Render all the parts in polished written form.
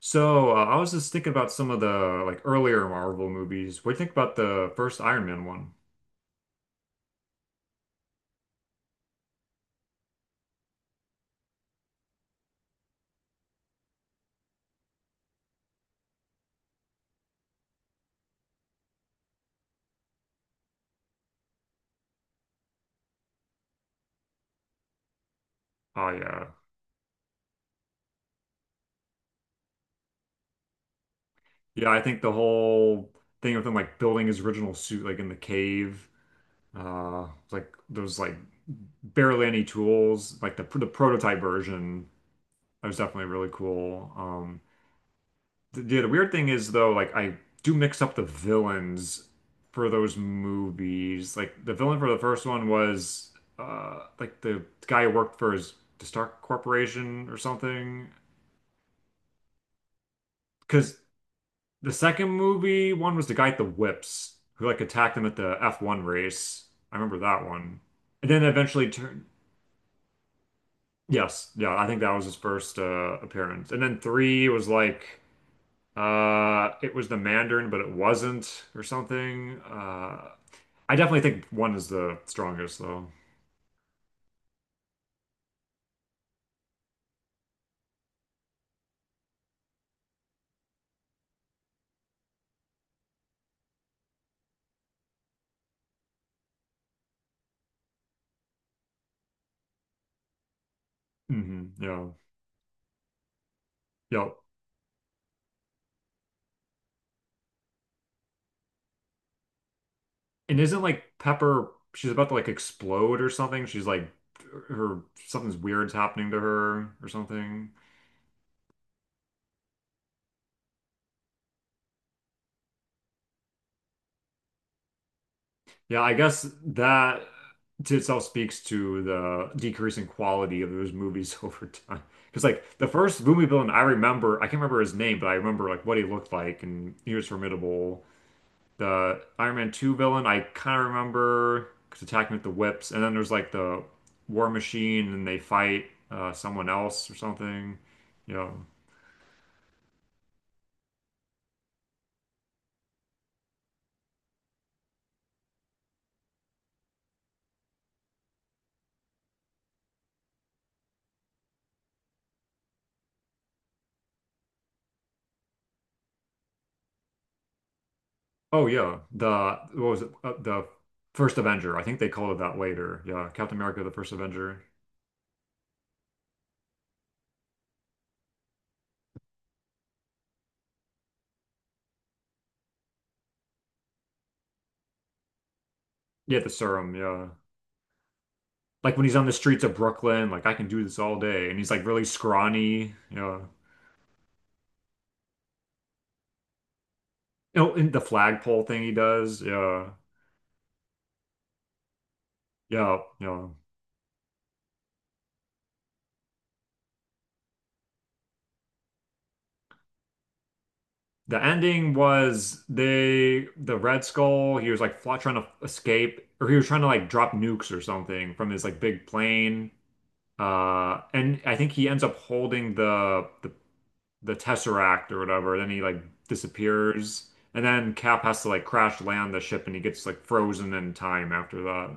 So, I was just thinking about some of the like earlier Marvel movies. What do you think about the first Iron Man one? Oh yeah. Yeah, I think the whole thing of him like building his original suit like in the cave, like barely any tools, like the prototype version. That was definitely really cool. The weird thing is though, like I do mix up the villains for those movies. Like the villain for the first one was like the guy who worked for his the Stark Corporation or something. Because the second movie one was the guy at the whips who like attacked him at the F1 race. I remember that one. And then eventually turned. Yes, yeah, I think that was his first appearance. And then three was like. It was the Mandarin, but it wasn't, or something. I definitely think one is the strongest, though. Hmm. Yeah. Yeah. And isn't like Pepper, she's about to like explode or something. She's like, her, something's weird's happening to her or something. Yeah, I guess that to itself speaks to the decreasing quality of those movies over time. Because like the first movie villain I remember, I can't remember his name, but I remember like what he looked like and he was formidable. The Iron Man 2 villain, I kind of remember because attacking with the whips. And then there's like the War Machine and they fight someone else or something. You know. Oh, yeah. The, what was it? The First Avenger. I think they called it that later. Yeah. Captain America, the First Avenger. Yeah, the serum. Yeah. Like when he's on the streets of Brooklyn, like I can do this all day. And he's like really scrawny. Yeah. You know, in the flagpole thing he does. Yeah. Yeah. Yeah. The ending was they the Red Skull, he was like fly, trying to escape or he was trying to like drop nukes or something from his like big plane. And I think he ends up holding the Tesseract or whatever, then he like disappears. And then Cap has to like crash land the ship and he gets like frozen in time after that.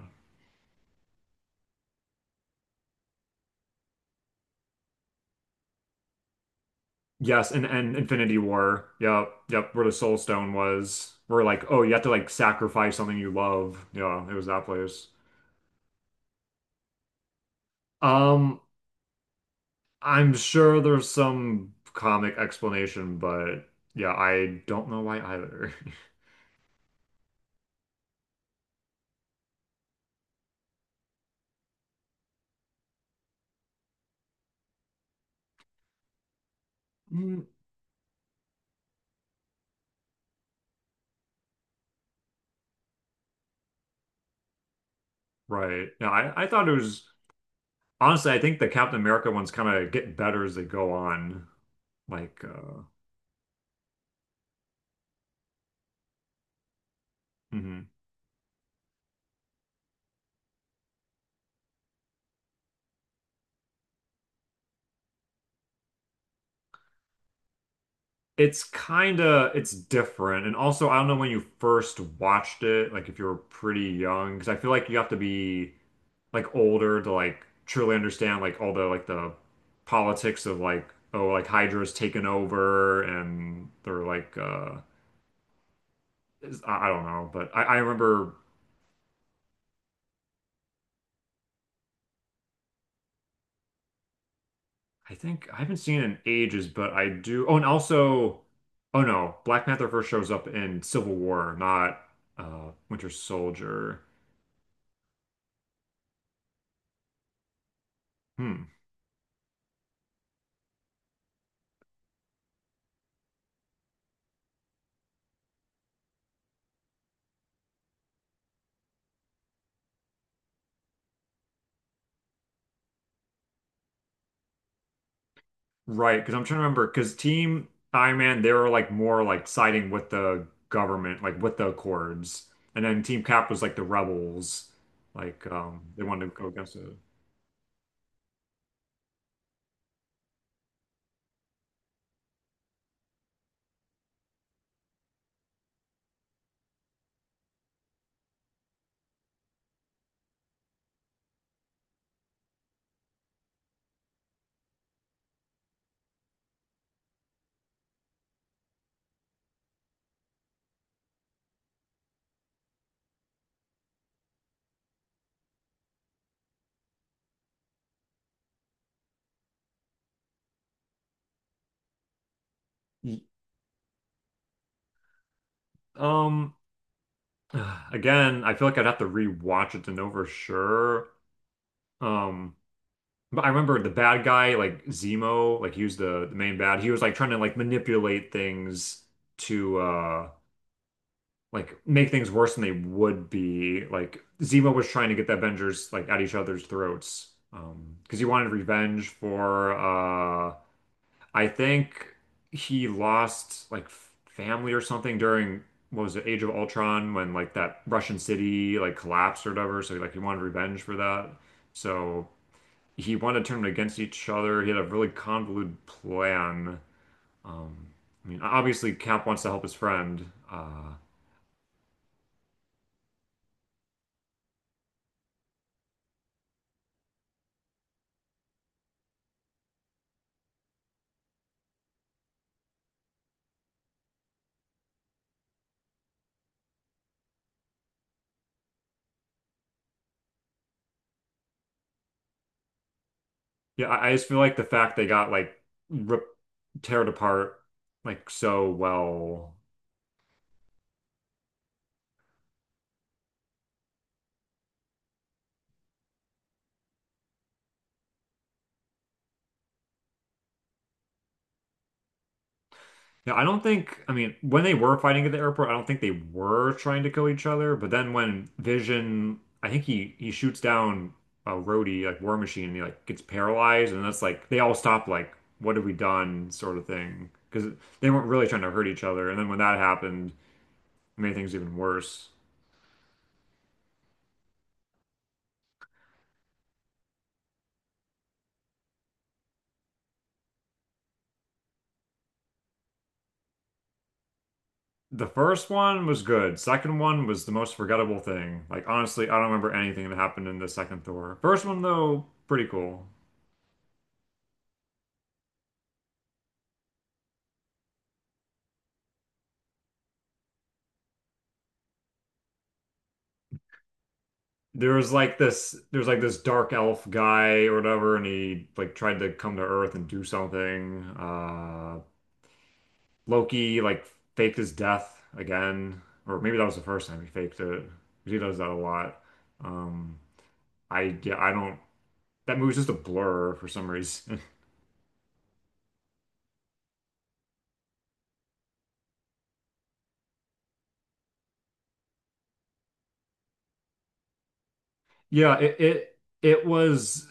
Yes, and Infinity War. Yep, yep, where the Soul Stone was. Where like, oh, you have to like sacrifice something you love. Yeah, it was that place. Um, I'm sure there's some comic explanation, but yeah, I don't know why either. Mm. Right. Yeah, I thought it was honestly, I think the Captain America ones kind of get better as they go on. Like, mhm. It's kind of it's different, and also I don't know when you first watched it, like if you were pretty young, because I feel like you have to be, like older to like truly understand like all the like the politics of like oh like Hydra's taken over and they're like I don't know, but I remember I think I haven't seen it in ages, but I do, oh, and also, oh no, Black Panther first shows up in Civil War, not Winter Soldier. Hmm. Right, because I'm trying to remember, because Team Iron Man, they were like more like siding with the government, like with the Accords. And then Team Cap was like the rebels. Like they wanted to go against it. Y- Um Again, I feel like I'd have to rewatch it to know for sure. Um but I remember the bad guy, like Zemo, like he was the main bad. He was like trying to like manipulate things to like make things worse than they would be. Like Zemo was trying to get the Avengers like at each other's throats because he wanted revenge for I think he lost like family or something during what was it Age of Ultron when like that Russian city like collapsed or whatever. So like he wanted revenge for that. So he wanted to turn them against each other. He had a really convoluted plan. Um, I mean, obviously Cap wants to help his friend. Yeah, I just feel like the fact they got like rip, teared apart like so well. Yeah, I don't think, I mean, when they were fighting at the airport, I don't think they were trying to kill each other. But then when Vision, I think he shoots down a Rhodey, like War Machine, and he like gets paralyzed, and that's like they all stop like, what have we done, sort of thing, because they weren't really trying to hurt each other. And then when that happened, it made things even worse. The first one was good. Second one was the most forgettable thing. Like honestly, I don't remember anything that happened in the second Thor. First one though, pretty cool. There was like this there's like this dark elf guy or whatever, and he like tried to come to Earth and do something. Loki like faked his death again. Or maybe that was the first time he faked it. 'Cause he does that a lot. Um I Yeah, I don't, that movie's just a blur for some reason. Yeah, it was,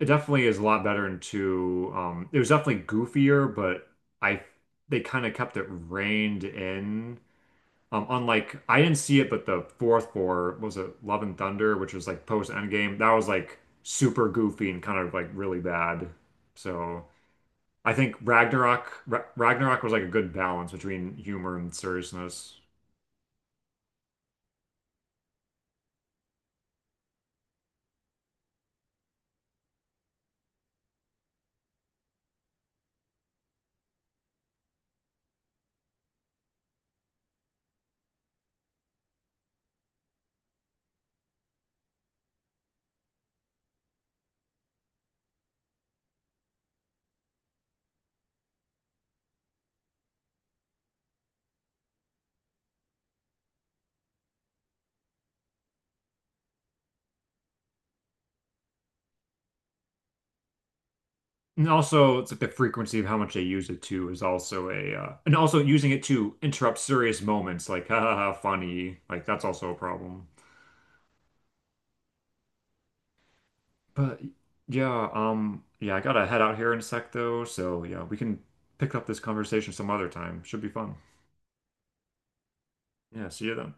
it definitely is a lot better in two. It was definitely goofier, but I they kind of kept it reined in. Unlike, I didn't see it, but the fourth four what was it, Love and Thunder, which was like post Endgame. That was like super goofy and kind of like really bad. So I think Ragnarok was like a good balance between humor and seriousness. And also, it's like the frequency of how much they use it too is also a, and also using it to interrupt serious moments, like ha ha ha, funny, like that's also a problem. But yeah, yeah, I gotta head out here in a sec though, so yeah, we can pick up this conversation some other time. Should be fun. Yeah, see you then.